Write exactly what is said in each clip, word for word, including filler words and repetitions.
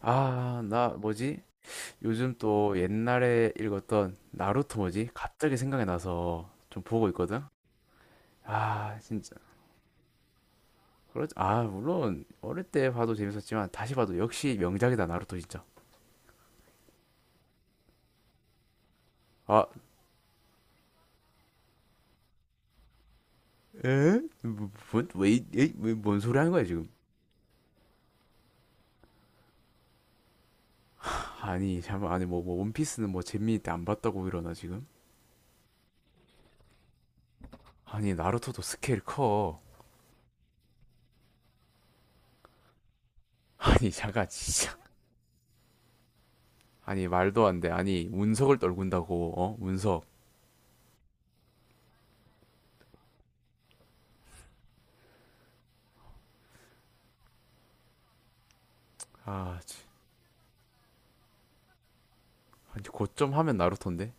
아, 나 뭐지? 요즘 또 옛날에 읽었던 나루토 뭐지? 갑자기 생각이 나서 좀 보고 있거든. 아, 진짜. 그렇 아, 물론 어릴 때 봐도 재밌었지만 다시 봐도 역시 명작이다 나루토 진짜. 아, 에? 뭐, 뭔, 왜, 이- 에이, 왜, 뭔 소리 하는 거야 지금? 아니, 잠깐, 아니 뭐, 뭐 원피스는 뭐 재미있 때안 봤다고 이러나 지금? 아니 나루토도 스케일 커. 아니 잠깐 진짜. 아니 말도 안 돼. 아니 운석을 떨군다고, 어? 운석. 아, 아니 고점 하면 나루토인데?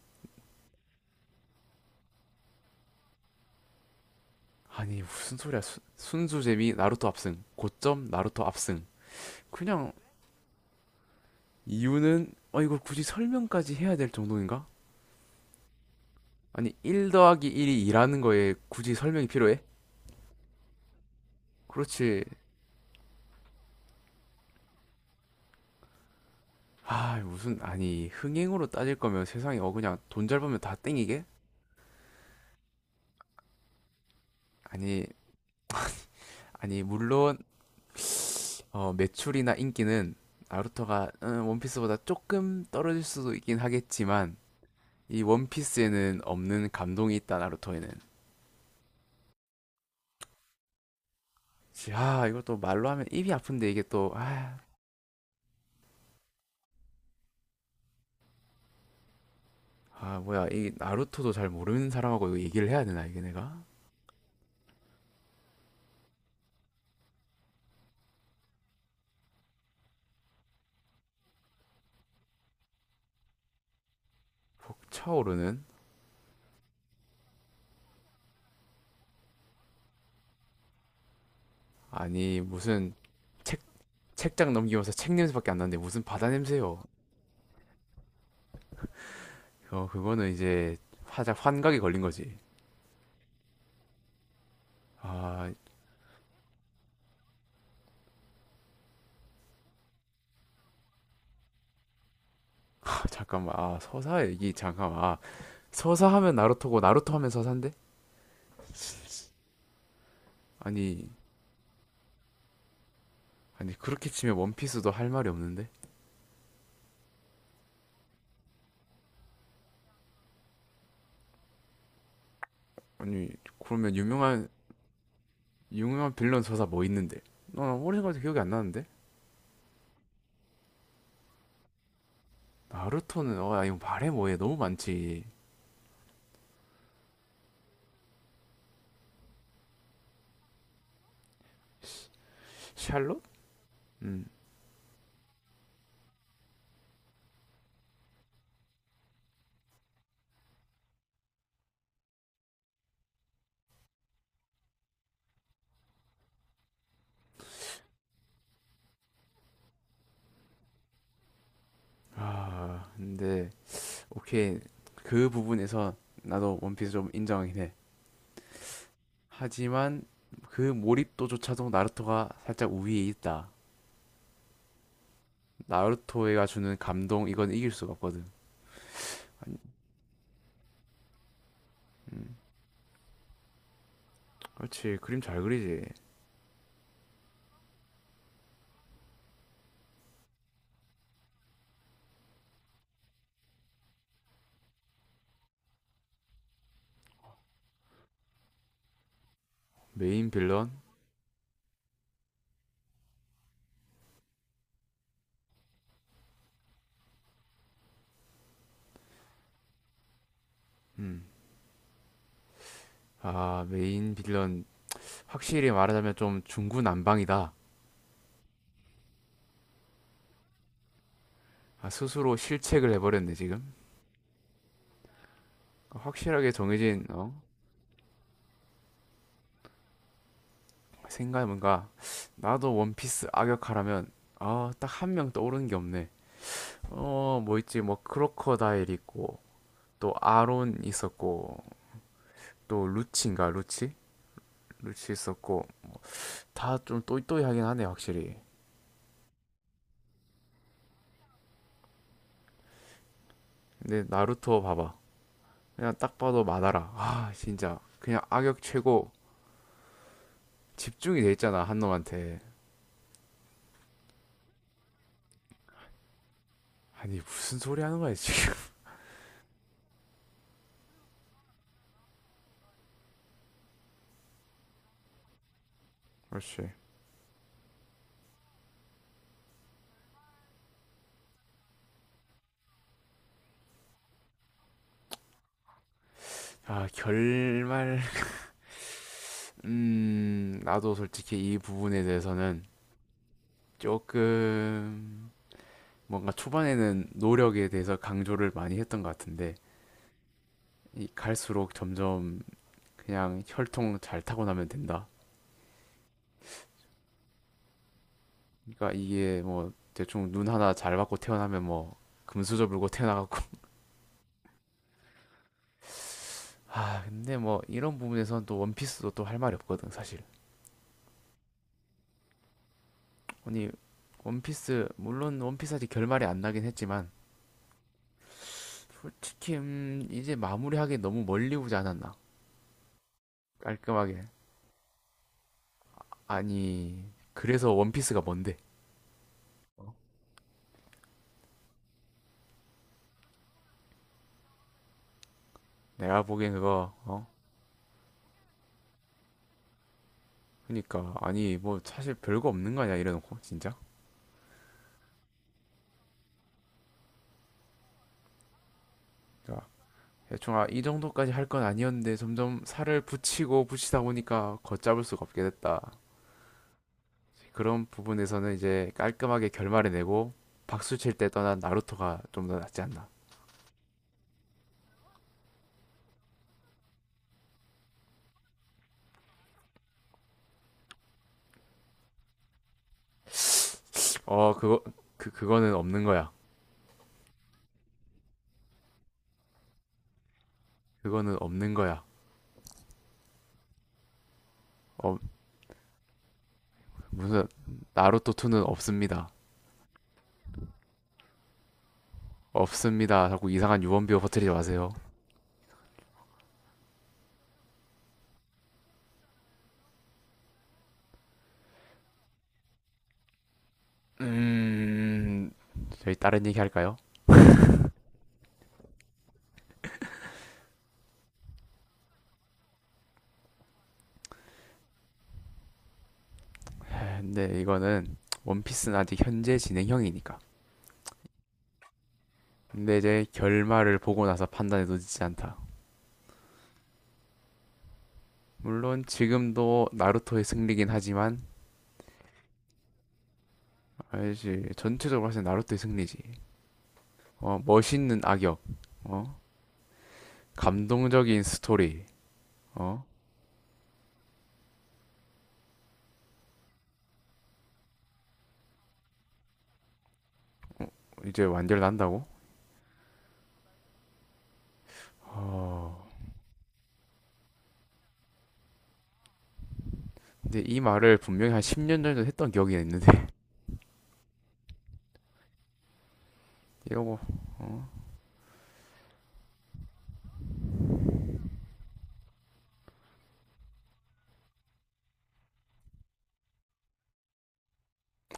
아니 무슨 소리야 순, 순수 재미 나루토 압승 고점 나루토 압승. 그냥 이유는 어 이걸 굳이 설명까지 해야 될 정도인가? 아니 일 더하기 일이 이라는 거에 굳이 설명이 필요해? 그렇지. 아 무슨, 아니 흥행으로 따질 거면 세상에 어 그냥 돈 잘 벌면 다 땡이게? 아니 아니 물론 어, 매출이나 인기는 나루토가 음, 원피스보다 조금 떨어질 수도 있긴 하겠지만 이 원피스에는 없는 감동이 있다 나루토에는. 야, 이걸 또 말로 하면 입이 아픈데 이게 또, 아, 아, 뭐야, 이 나루토도 잘 모르는 사람하고 이거 얘기를 해야 되나, 이게 내가? 차오르는? 아니, 무슨 책, 책장 넘기면서 책 냄새밖에 안 나는데 무슨 바다 냄새요? 어, 그거는 이제 화작 환각에 걸린 거지. 아, 아, 잠깐만, 아, 서사 얘기, 잠깐만, 아, 서사 하면 나루토고 나루토 하면 서사인데? 아니, 아니, 그렇게 치면 원피스도 할 말이 없는데? 아니, 그러면 유명한, 유명한 빌런 서사 뭐 있는데? 나 오래 생각해도 기억이 안 나는데? 나루토는 어 이거 말해 뭐해 너무 많지. 샬롯? 음아 근데 오케이 그 부분에서 나도 원피스 좀 인정하긴 해. 하지만 그 몰입도조차도 나루토가 살짝 우위에 있다. 나루토가 주는 감동 이건 이길 수가 없거든. 음 그렇지 그림 잘 그리지. 메인 빌런? 음아 메인 빌런 확실히 말하자면 좀 중구난방이다. 아, 스스로 실책을 해버렸네 지금. 확실하게 정해진 어? 생각해 뭔가 나도 원피스 악역하라면 아, 딱 한명 떠오르는 게 없네. 어, 뭐 있지? 뭐 크로커다일 있고 또 아론 있었고 또 루치인가? 루치? 루치 있었고 다 좀 또이또이하긴 하네 확실히. 근데 나루토 봐봐. 그냥 딱 봐도 마다라. 아, 진짜 그냥 악역 최고. 집중이 돼 있잖아 한 놈한테. 아니 무슨 소리 하는 거야 지금? 그렇지. 아, 결말. 음, 나도 솔직히 이 부분에 대해서는 조금 뭔가 초반에는 노력에 대해서 강조를 많이 했던 것 같은데 이 갈수록 점점 그냥 혈통 잘 타고 나면 된다. 그러니까 이게 뭐 대충 눈 하나 잘 받고 태어나면 뭐 금수저 물고 태어나갖고 아 근데 뭐 이런 부분에선 또 원피스도 또 할 말이 없거든 사실. 아니 원피스 물론 원피스 아직 결말이 안 나긴 했지만 솔직히 음, 이제 마무리하기 너무 멀리 오지 않았나 깔끔하게. 아니 그래서 원피스가 뭔데? 내가 보기엔 그거 어 그니까 아니 뭐 사실 별거 없는 거 아니야 이래놓고 진짜. 그러니까 대충 아, 이 정도까지 할건 아니었는데 점점 살을 붙이고 붙이다 보니까 걷잡을 수가 없게 됐다. 그런 부분에서는 이제 깔끔하게 결말을 내고 박수 칠 때 떠난 나루토가 좀 더 낫지 않나. 어 그거 그 그거는 없는 거야. 그거는 없는 거야. 어 무슨 나루토 투는 없습니다. 없습니다. 자꾸 이상한 유언비어 퍼뜨리지 마세요. 음 저희 다른 얘기 할까요? 근데 이거는 원피스는 아직 현재 진행형이니까. 근데 이제 결말을 보고 나서 판단해도 늦지 않다. 물론 지금도 나루토의 승리긴 하지만 알지 전체적으로 봤을 때 나루토의 승리지. 어 멋있는 악역, 어 감동적인 스토리, 어 이제 완결 난다고? 어 근데 이 말을 분명히 한 십 년 전에도 했던 기억이 있는데 이러고 어?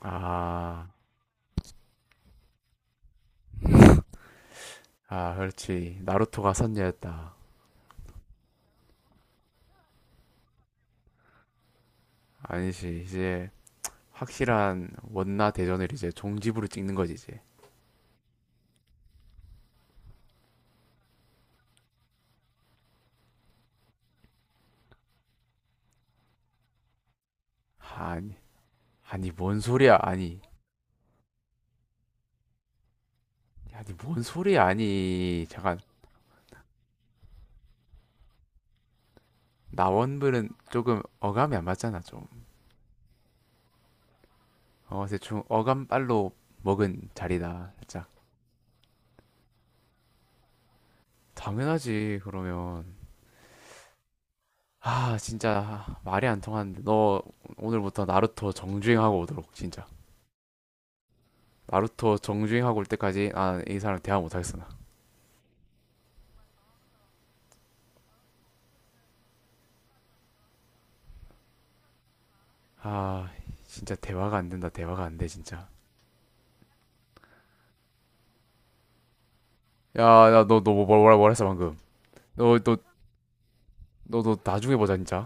아, 아 그렇지 나루토가 선녀였다. 아니지 이제 확실한 원나 대전을 이제 종집으로 찍는 거지 이제. 아니 아니 뭔 소리야 아니 아니 뭔 소리야 아니 잠깐. 나원불은 조금 어감이 안 맞잖아 좀어. 대충 어감 빨로 먹은 자리다 살짝. 당연하지 그러면. 아 진짜 말이 안 통하는데 너. 오늘부터 나루토 정주행하고 오도록 진짜. 나루토 정주행하고 올 때까지 아 이 사람 대화 못하겠어. 나아 진짜 대화가 안 된다 대화가 안돼 진짜. 야, 야, 너, 너, 뭐, 뭐라, 뭐라 했어, 방금. 너, 너, 너, 너, 나중에 보자, 진짜.